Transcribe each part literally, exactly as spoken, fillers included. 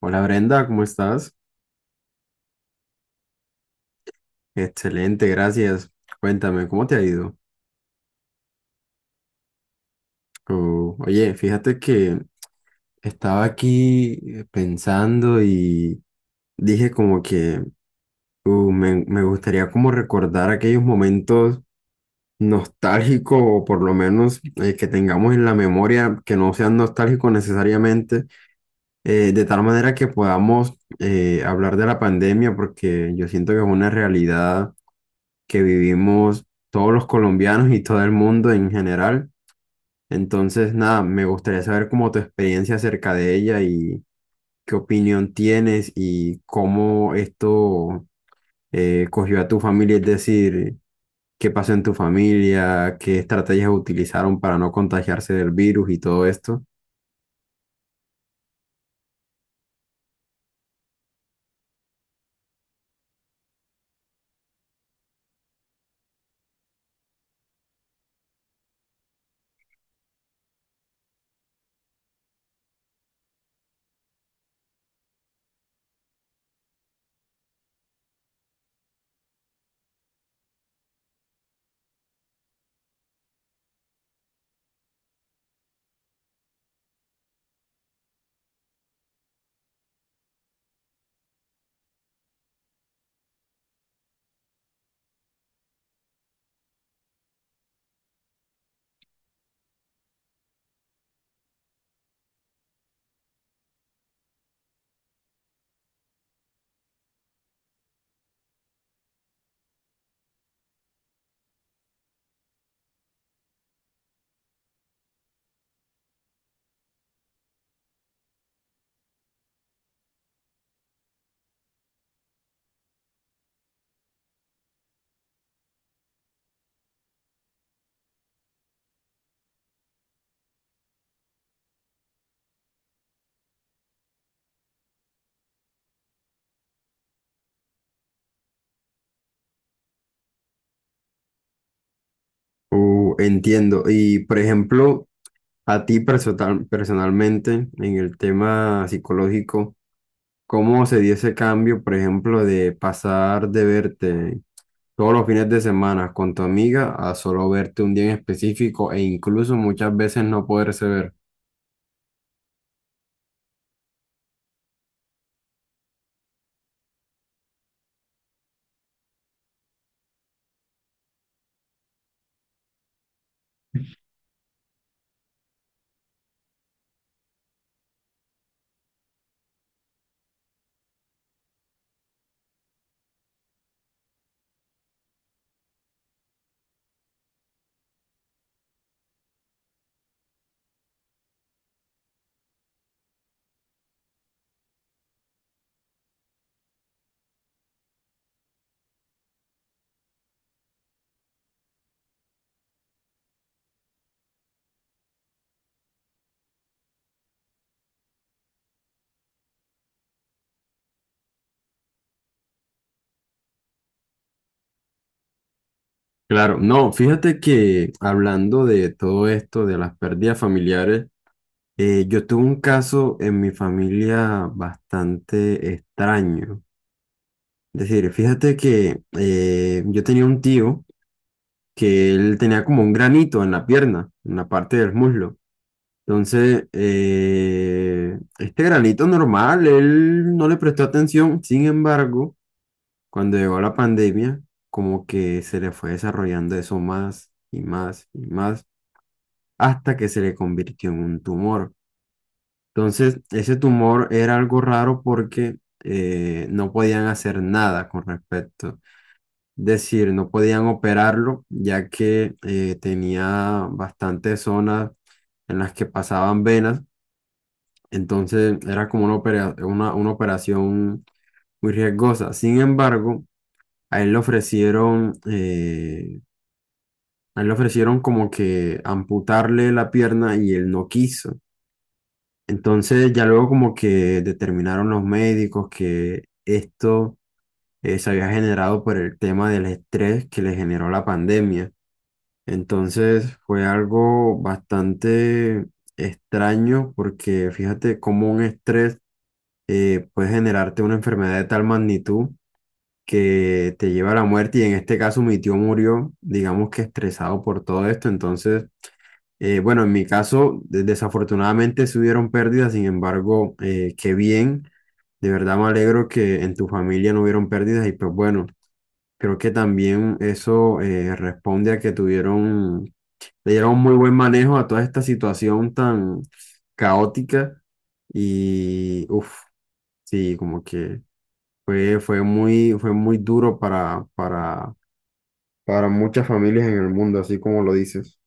Hola Brenda, ¿cómo estás? Excelente, gracias. Cuéntame, ¿cómo te ha ido? Oh, oye, fíjate que estaba aquí eh, pensando y dije como que uh, me, me gustaría como recordar aquellos momentos nostálgicos o por lo menos eh, que tengamos en la memoria que no sean nostálgicos necesariamente, eh, de tal manera que podamos eh, hablar de la pandemia porque yo siento que es una realidad que vivimos todos los colombianos y todo el mundo en general. Entonces, nada, me gustaría saber cómo tu experiencia acerca de ella y qué opinión tienes y cómo esto eh, cogió a tu familia, es decir, qué pasó en tu familia, qué estrategias utilizaron para no contagiarse del virus y todo esto. Uh, entiendo. Y, por ejemplo, a ti personal- personalmente, en el tema psicológico, cómo se dio ese cambio, por ejemplo, de pasar de verte todos los fines de semana con tu amiga a solo verte un día en específico e incluso muchas veces no poderse ver. Claro, no, fíjate que hablando de todo esto, de las pérdidas familiares, eh, yo tuve un caso en mi familia bastante extraño. Es decir, fíjate que eh, yo tenía un tío que él tenía como un granito en la pierna, en la parte del muslo. Entonces, eh, este granito normal, él no le prestó atención. Sin embargo, cuando llegó la pandemia, como que se le fue desarrollando eso más y más y más, hasta que se le convirtió en un tumor. Entonces, ese tumor era algo raro porque eh, no podían hacer nada con respecto. Es decir, no podían operarlo, ya que eh, tenía bastantes zonas en las que pasaban venas. Entonces era como una, opera- una, una operación muy riesgosa. Sin embargo, a él le ofrecieron, eh, a él le ofrecieron como que amputarle la pierna y él no quiso. Entonces ya luego como que determinaron los médicos que esto eh, se había generado por el tema del estrés que le generó la pandemia. Entonces fue algo bastante extraño porque fíjate cómo un estrés eh, puede generarte una enfermedad de tal magnitud que te lleva a la muerte y en este caso mi tío murió, digamos que estresado por todo esto. Entonces, eh, bueno, en mi caso de- desafortunadamente sí hubieron pérdidas. Sin embargo, eh, qué bien, de verdad me alegro que en tu familia no hubieron pérdidas. Y pues bueno, creo que también eso eh, responde a que tuvieron, le dieron muy buen manejo a toda esta situación tan caótica y, uff, sí, como que... Fue, fue muy, fue muy duro para, para, para muchas familias en el mundo, así como lo dices.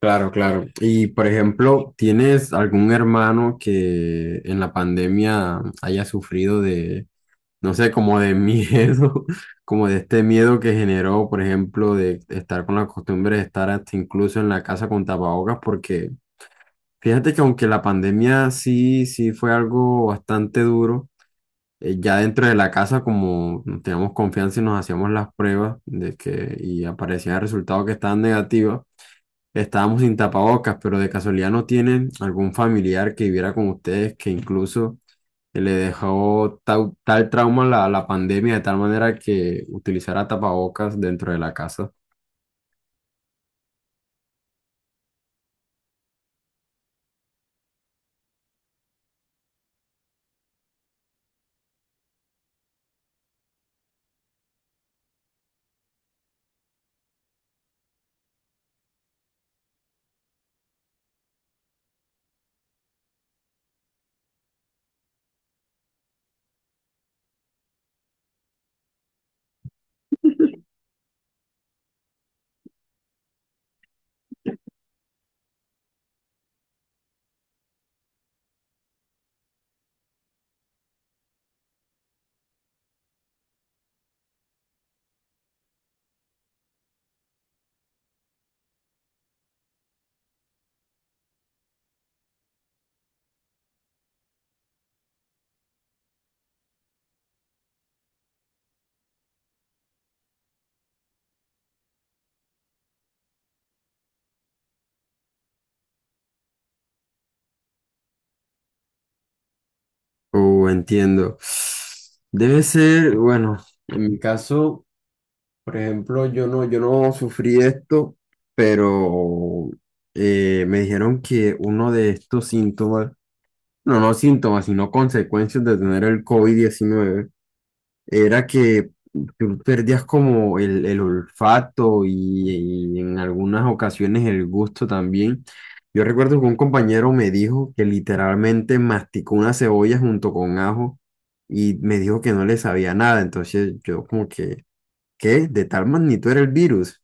Claro, claro. Y por ejemplo, ¿tienes algún hermano que en la pandemia haya sufrido de, no sé, como de miedo, como de este miedo que generó, por ejemplo, de estar con la costumbre de estar hasta incluso en la casa con tapabocas? Porque fíjate que aunque la pandemia sí, sí fue algo bastante duro. Eh, ya dentro de la casa, como nos teníamos confianza y nos hacíamos las pruebas de que y aparecían resultados que estaban negativos, estábamos sin tapabocas, pero de casualidad no tienen algún familiar que viviera con ustedes que incluso le dejó tau- tal, trauma la, la pandemia de tal manera que utilizara tapabocas dentro de la casa. Uh, entiendo. Debe ser, bueno, en mi caso. Por ejemplo, yo no, yo no sufrí esto, pero eh, me dijeron que uno de estos síntomas, no, no síntomas, sino consecuencias de tener el covid diecinueve, era que tú perdías como el, el olfato y, y en algunas ocasiones el gusto también. Yo recuerdo que un compañero me dijo que literalmente masticó una cebolla junto con ajo y me dijo que no le sabía nada, entonces yo como que... ¿Qué? ¿De tal magnitud era el virus?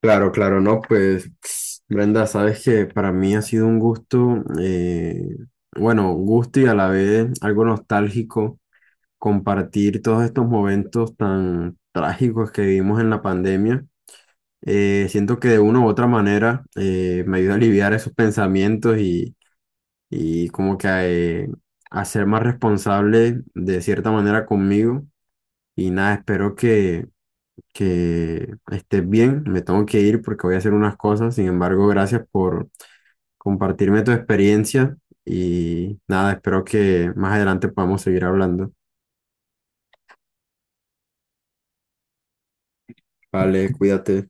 Claro, claro, no, pues Brenda, sabes que para mí ha sido un gusto, eh, bueno, gusto y a la vez algo nostálgico compartir todos estos momentos tan trágicos que vivimos en la pandemia. Eh, siento que de una u otra manera eh, me ayuda a aliviar esos pensamientos y, y como que eh, a ser más responsable de cierta manera conmigo. Y nada, espero que que estés bien. Me tengo que ir porque voy a hacer unas cosas. Sin embargo, gracias por compartirme tu experiencia y nada, espero que más adelante podamos seguir hablando. Vale, cuídate.